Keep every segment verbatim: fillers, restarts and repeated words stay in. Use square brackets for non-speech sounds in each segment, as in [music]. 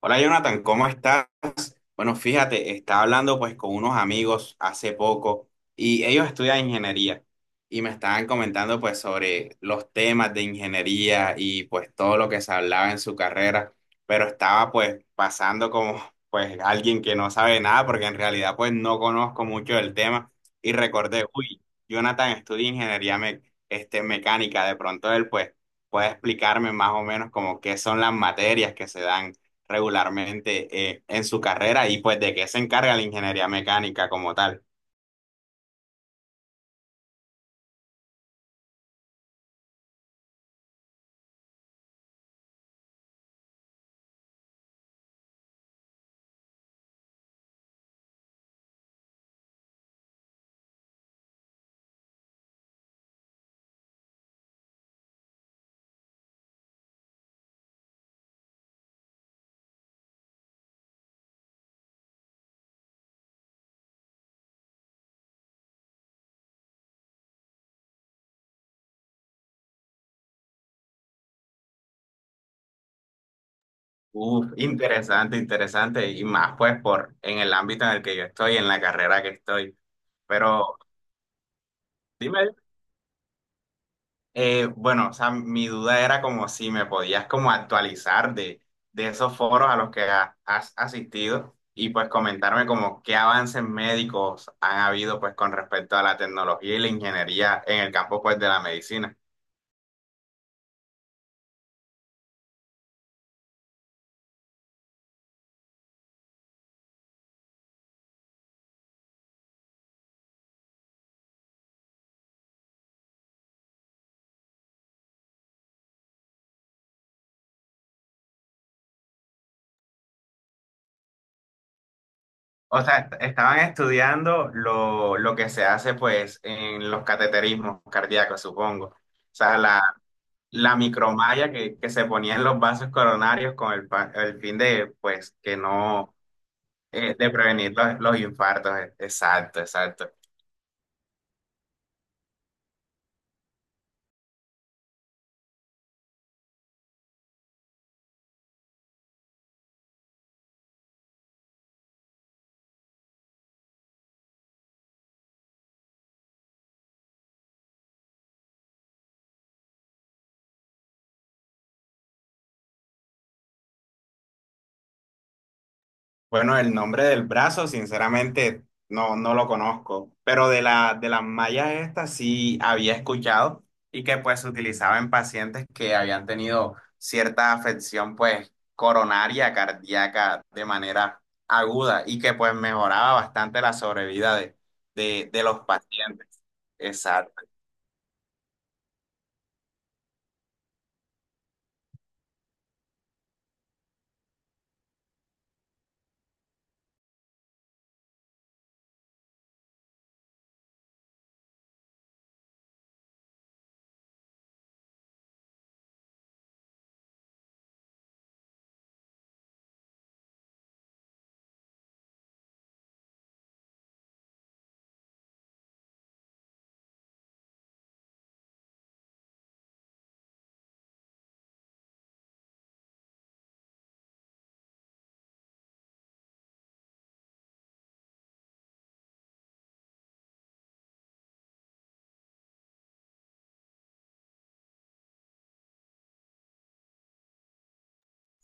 Hola, Jonathan, ¿cómo estás? Bueno, fíjate, estaba hablando pues con unos amigos hace poco y ellos estudian ingeniería y me estaban comentando pues sobre los temas de ingeniería y pues todo lo que se hablaba en su carrera, pero estaba pues pasando como [laughs] pues alguien que no sabe nada porque en realidad pues no conozco mucho del tema y recordé, uy, Jonathan estudia ingeniería me- este, mecánica, de pronto él pues puede explicarme más o menos como qué son las materias que se dan regularmente eh, en su carrera y pues de qué se encarga la ingeniería mecánica como tal. Uf, interesante, interesante, y más pues por en el ámbito en el que yo estoy, en la carrera que estoy. Pero dime, eh, bueno, o sea, mi duda era como si me podías como actualizar de, de esos foros a los que ha- has asistido y pues comentarme como qué avances médicos han habido pues con respecto a la tecnología y la ingeniería en el campo pues de la medicina. O sea, est- estaban estudiando lo, lo que se hace pues en los cateterismos cardíacos, supongo. O sea, la, la micromalla que, que se ponía en los vasos coronarios con el, pa- el fin de pues que no, eh, de prevenir los, los infartos. e-, Exacto, exacto. Bueno, el nombre del brazo, sinceramente, no, no lo conozco, pero de la, de las mallas estas sí había escuchado y que pues se utilizaba en pacientes que habían tenido cierta afección pues coronaria, cardíaca de manera aguda y que pues mejoraba bastante la sobrevida de, de, de los pacientes. Exacto.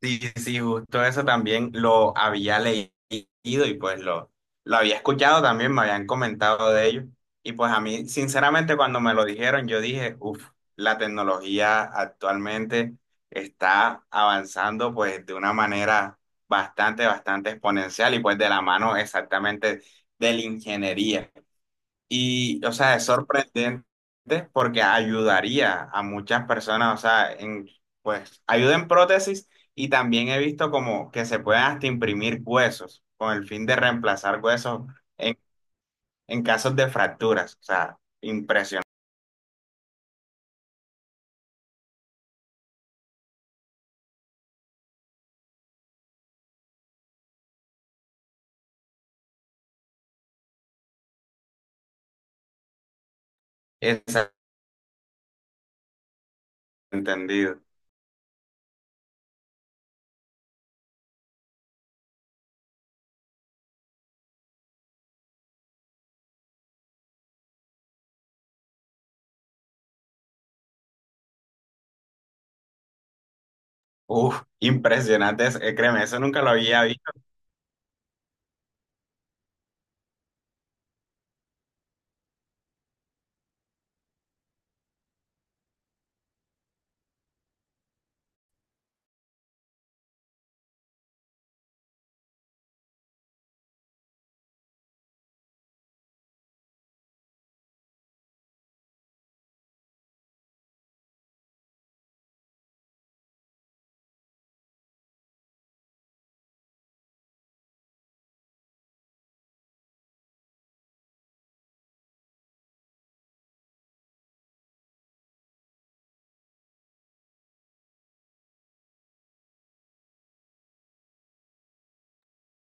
Sí, sí, justo eso también lo había leído y pues lo, lo había escuchado también, me habían comentado de ello. Y pues a mí, sinceramente, cuando me lo dijeron, yo dije, uff, la tecnología actualmente está avanzando pues de una manera bastante, bastante exponencial y pues de la mano exactamente de la ingeniería. Y, o sea, es sorprendente porque ayudaría a muchas personas, o sea, en, pues ayuda en prótesis y también he visto como que se pueden hasta imprimir huesos con el fin de reemplazar huesos en, en casos de fracturas, o sea, impresionante, ese entendido. Uf, impresionante, es- eh, créeme, eso nunca lo había visto.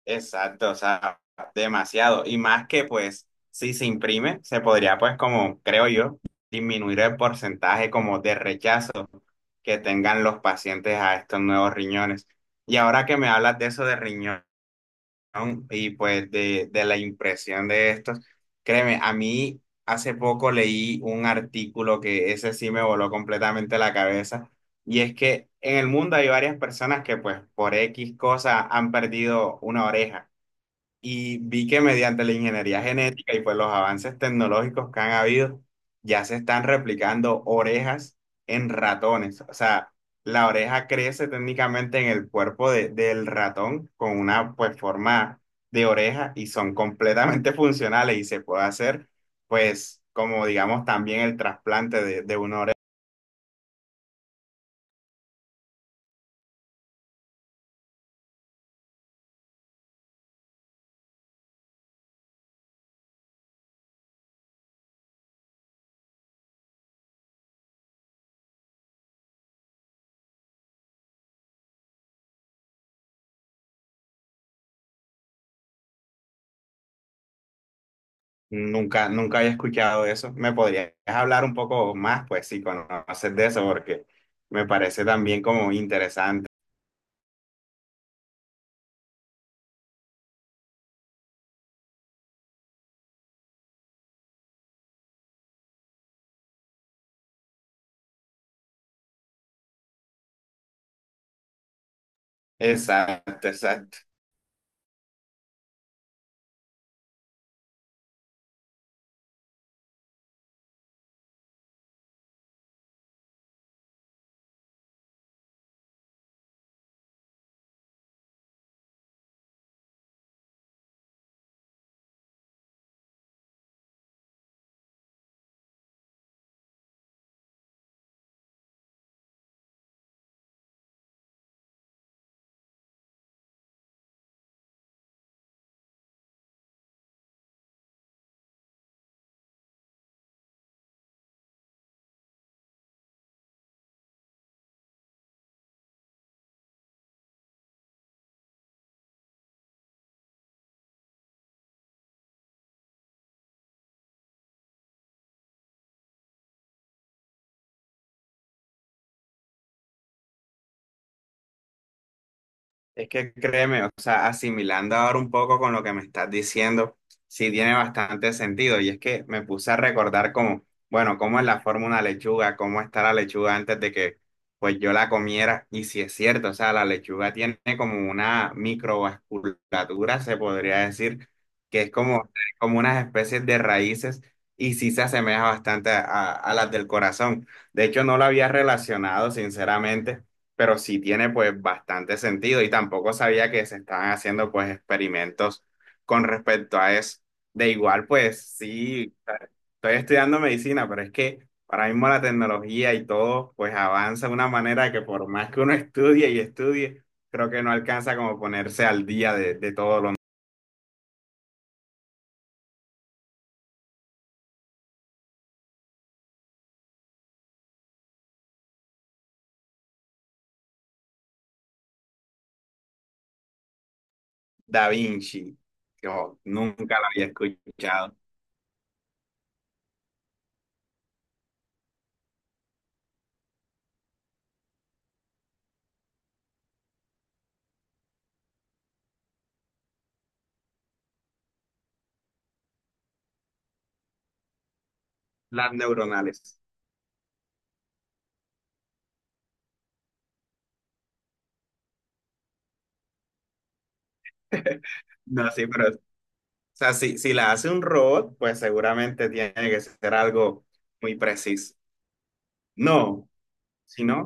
Exacto, o sea, demasiado. Y más que pues, si se imprime, se podría pues como, creo yo, disminuir el porcentaje como de rechazo que tengan los pacientes a estos nuevos riñones. Y ahora que me hablas de eso de riñón y pues de, de la impresión de estos, créeme, a mí hace poco leí un artículo que ese sí me voló completamente la cabeza. Y es que en el mundo hay varias personas que pues por X cosa han perdido una oreja. Y vi que mediante la ingeniería genética y pues los avances tecnológicos que han habido, ya se están replicando orejas en ratones. O sea, la oreja crece técnicamente en el cuerpo de- del ratón con una pues forma de oreja y son completamente [laughs] funcionales y se puede hacer pues como digamos también el trasplante de, de una oreja. Nunca, nunca había escuchado eso. ¿Me podrías hablar un poco más, pues, si conoces de eso? Porque me parece también como interesante. Exacto, exacto. Es que créeme, o sea, asimilando ahora un poco con lo que me estás diciendo, sí tiene bastante sentido. Y es que me puse a recordar como, bueno, cómo es la forma de una lechuga, cómo está la lechuga antes de que pues yo la comiera. Y si es cierto, o sea, la lechuga tiene como una microvasculatura, se podría decir, que es como, como unas especies de raíces y sí se asemeja bastante a a las del corazón. De hecho, no lo había relacionado, sinceramente, pero sí tiene pues bastante sentido y tampoco sabía que se estaban haciendo pues experimentos con respecto a eso. De igual pues sí, estoy estudiando medicina, pero es que ahora mismo la tecnología y todo pues avanza de una manera que por más que uno estudie y estudie, creo que no alcanza como ponerse al día de, de todo lo. Da Vinci, que oh, nunca lo había escuchado, las neuronales. [laughs] No, sí, pero o sea, si, si la hace un robot, pues seguramente tiene que ser algo muy preciso. No, si no,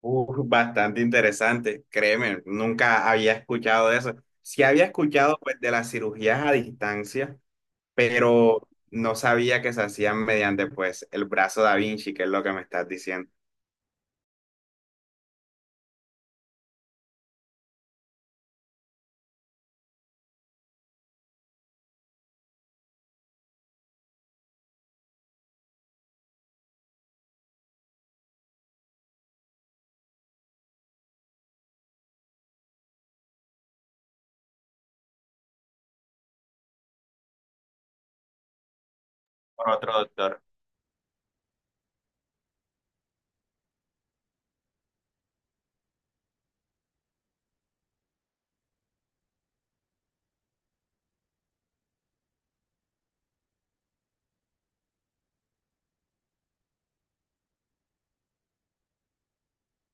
uh, bastante interesante, créeme, nunca había escuchado de eso. Sí había escuchado pues, de las cirugías a distancia, pero no sabía que se hacían mediante pues el brazo da Vinci, que es lo que me estás diciendo. Por otro doctor.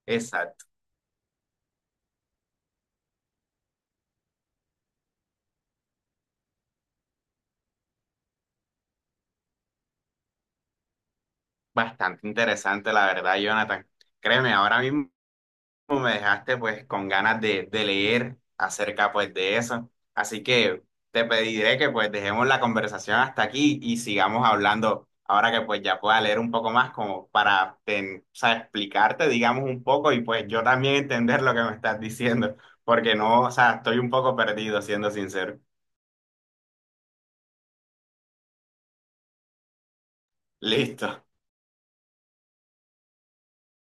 Exacto, bastante interesante, la verdad, Jonathan. Créeme, ahora mismo me dejaste pues con ganas de, de leer acerca pues de eso. Así que te pediré que pues dejemos la conversación hasta aquí y sigamos hablando ahora que pues ya pueda leer un poco más como para ten- o sea, explicarte digamos un poco y pues yo también entender lo que me estás diciendo porque no, o sea, estoy un poco perdido siendo sincero. Listo.